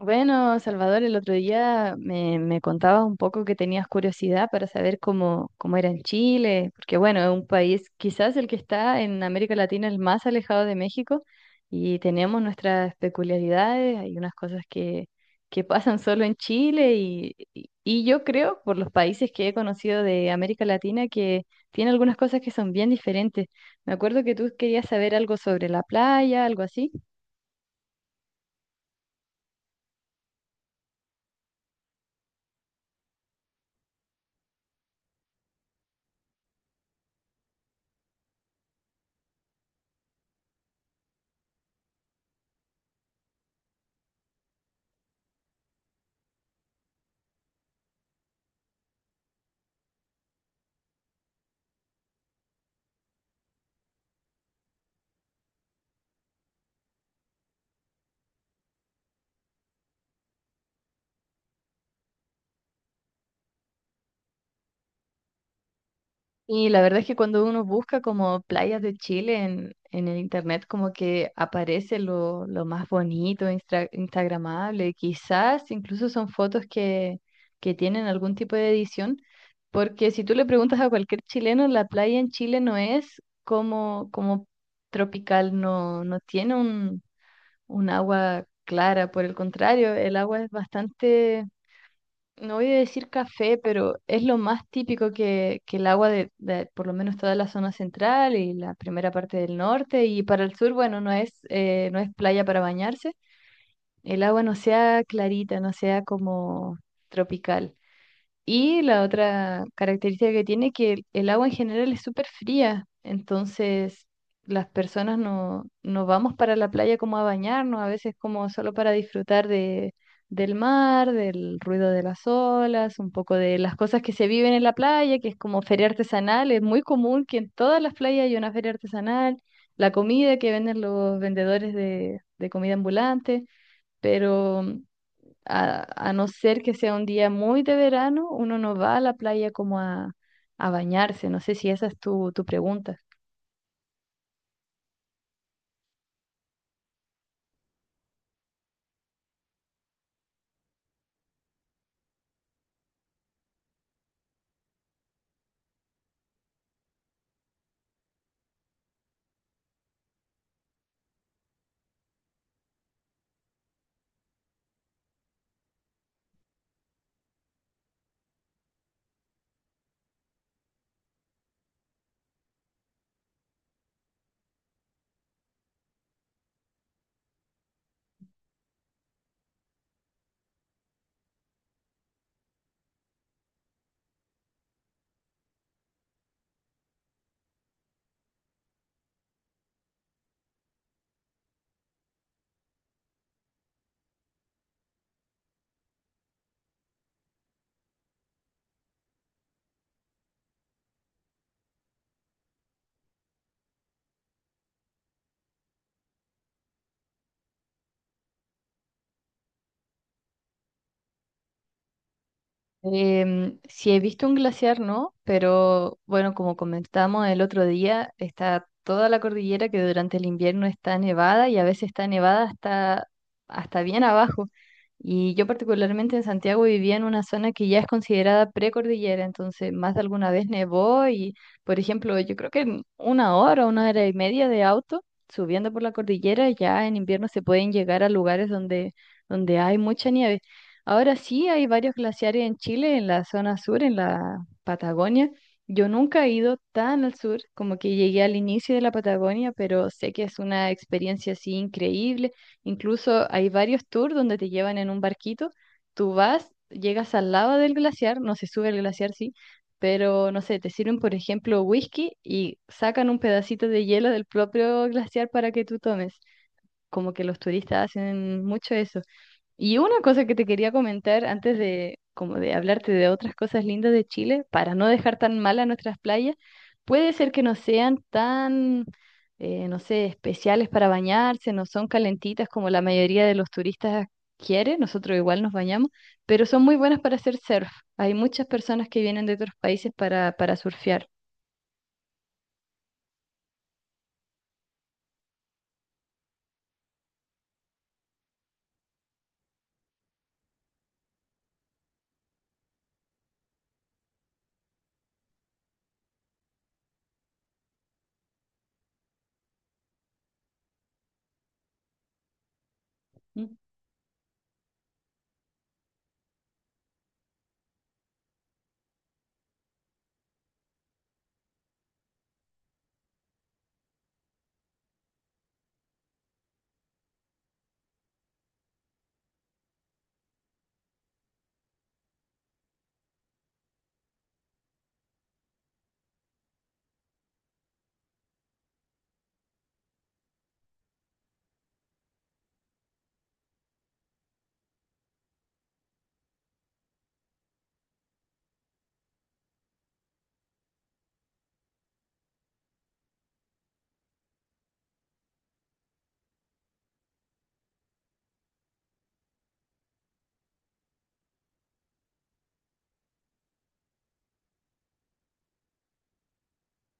Bueno, Salvador, el otro día me contabas un poco que tenías curiosidad para saber cómo era en Chile, porque bueno, es un país quizás el que está en América Latina el más alejado de México y tenemos nuestras peculiaridades, hay unas cosas que pasan solo en Chile y yo creo, por los países que he conocido de América Latina, que tiene algunas cosas que son bien diferentes. Me acuerdo que tú querías saber algo sobre la playa, algo así. Y la verdad es que cuando uno busca como playas de Chile en el internet, como que aparece lo más bonito, instagramable, quizás incluso son fotos que tienen algún tipo de edición, porque si tú le preguntas a cualquier chileno, la playa en Chile no es como tropical, no, no tiene un agua clara, por el contrario, el agua es bastante no voy a decir café, pero es lo más típico que el agua de por lo menos toda la zona central y la primera parte del norte y para el sur, bueno, no es, no es playa para bañarse. El agua no sea clarita, no sea como tropical. Y la otra característica que tiene es que el agua en general es súper fría, entonces las personas no vamos para la playa como a bañarnos, a veces como solo para disfrutar del mar, del ruido de las olas, un poco de las cosas que se viven en la playa, que es como feria artesanal, es muy común que en todas las playas hay una feria artesanal, la comida que venden los vendedores de comida ambulante, pero a no ser que sea un día muy de verano, uno no va a la playa a bañarse. No sé si esa es tu pregunta. Sí he visto un glaciar, ¿no? Pero bueno, como comentamos el otro día, está toda la cordillera que durante el invierno está nevada y a veces está nevada hasta bien abajo. Y yo particularmente en Santiago vivía en una zona que ya es considerada precordillera, entonces más de alguna vez nevó y, por ejemplo, yo creo que en una hora y media de auto subiendo por la cordillera, ya en invierno se pueden llegar a lugares donde hay mucha nieve. Ahora sí hay varios glaciares en Chile, en la zona sur, en la Patagonia. Yo nunca he ido tan al sur como que llegué al inicio de la Patagonia, pero sé que es una experiencia así increíble. Incluso hay varios tours donde te llevan en un barquito. Tú vas, llegas al lado del glaciar, no se sube el glaciar, sí, pero no sé, te sirven, por ejemplo, whisky y sacan un pedacito de hielo del propio glaciar para que tú tomes. Como que los turistas hacen mucho eso. Y una cosa que te quería comentar antes de, como de hablarte de otras cosas lindas de Chile, para no dejar tan mal a nuestras playas, puede ser que no sean tan, no sé, especiales para bañarse, no son calentitas como la mayoría de los turistas quiere, nosotros igual nos bañamos, pero son muy buenas para hacer surf. Hay muchas personas que vienen de otros países para surfear. Mm.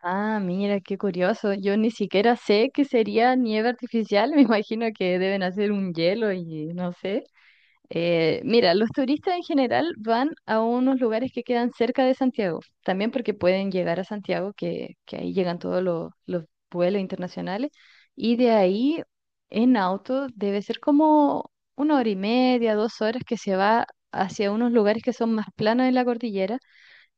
Ah, mira, qué curioso. Yo ni siquiera sé qué sería nieve artificial, me imagino que deben hacer un hielo y no sé. Mira, los turistas en general van a unos lugares que quedan cerca de Santiago, también porque pueden llegar a Santiago, que ahí llegan todos los vuelos internacionales, y de ahí en auto debe ser como una hora y media, dos horas que se va hacia unos lugares que son más planos en la cordillera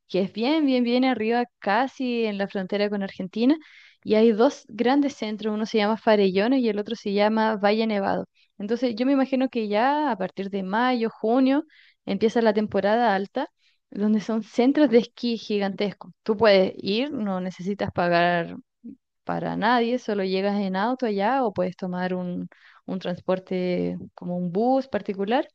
que es bien, bien, bien arriba, casi en la frontera con Argentina, y hay dos grandes centros, uno se llama Farellones y el otro se llama Valle Nevado. Entonces, yo me imagino que ya a partir de mayo, junio, empieza la temporada alta, donde son centros de esquí gigantescos. Tú puedes ir, no necesitas pagar para nadie, solo llegas en auto allá o puedes tomar un transporte como un bus particular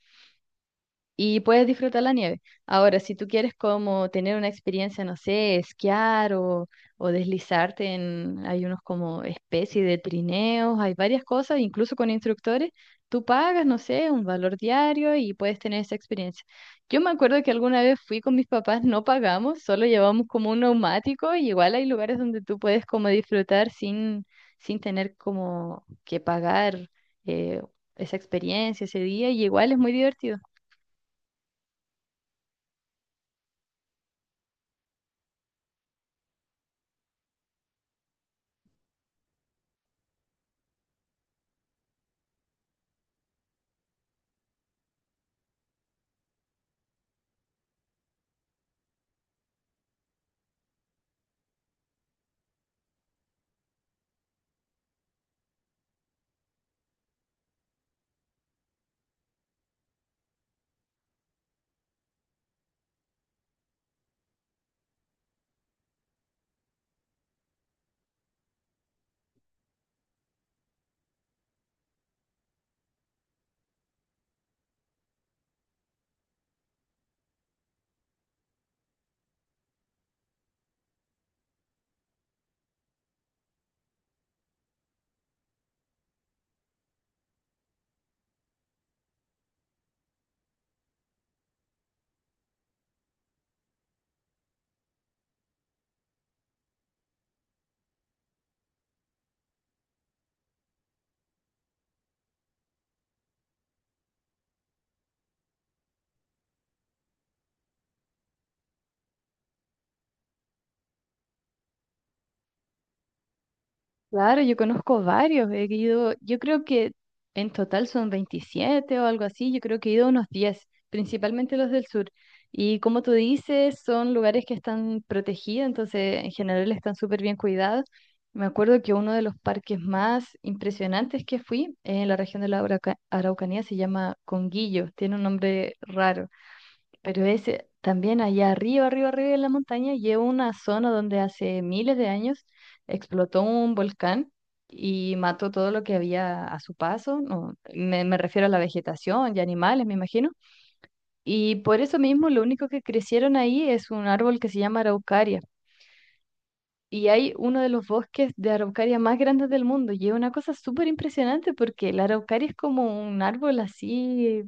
y puedes disfrutar la nieve. Ahora, si tú quieres como tener una experiencia, no sé, esquiar o deslizarte en, hay unos como especie de trineos, hay varias cosas, incluso con instructores, tú pagas, no sé, un valor diario y puedes tener esa experiencia. Yo me acuerdo que alguna vez fui con mis papás, no pagamos, solo llevamos como un neumático y igual hay lugares donde tú puedes como disfrutar sin tener como que pagar eh, esa experiencia ese día y igual es muy divertido. Claro, yo conozco varios. He ido, yo creo que en total son 27 o algo así. Yo creo que he ido a unos 10, principalmente los del sur. Y como tú dices, son lugares que están protegidos, entonces en general están súper bien cuidados. Me acuerdo que uno de los parques más impresionantes que fui en la región de la Araucanía se llama Conguillo. Tiene un nombre raro. Pero ese, también allá arriba, arriba, arriba de la montaña, lleva una zona donde hace miles de años explotó un volcán y mató todo lo que había a su paso. No, me refiero a la vegetación y animales, me imagino. Y por eso mismo, lo único que crecieron ahí es un árbol que se llama araucaria. Y hay uno de los bosques de araucaria más grandes del mundo. Y es una cosa súper impresionante porque la araucaria es como un árbol así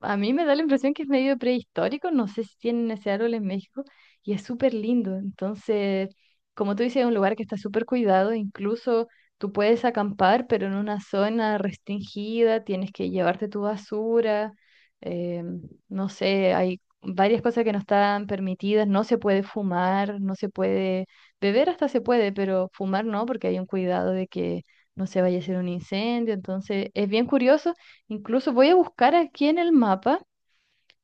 a mí me da la impresión que es medio prehistórico, no sé si tienen ese árbol en México, y es súper lindo. Entonces, como tú dices, es un lugar que está súper cuidado, incluso tú puedes acampar, pero en una zona restringida, tienes que llevarte tu basura, eh, no sé, hay varias cosas que no están permitidas, no se puede fumar, no se puede beber hasta se puede, pero fumar no, porque hay un cuidado de que no se vaya a hacer un incendio. Entonces, es bien curioso. Incluso voy a buscar aquí en el mapa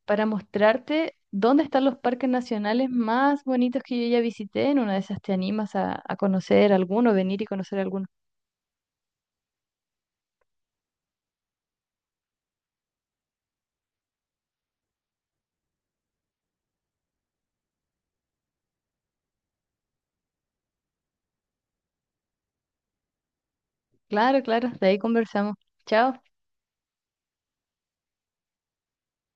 para mostrarte dónde están los parques nacionales más bonitos que yo ya visité. En una de esas te animas a conocer alguno, venir y conocer alguno. Claro, claro, de ahí conversamos. Chao.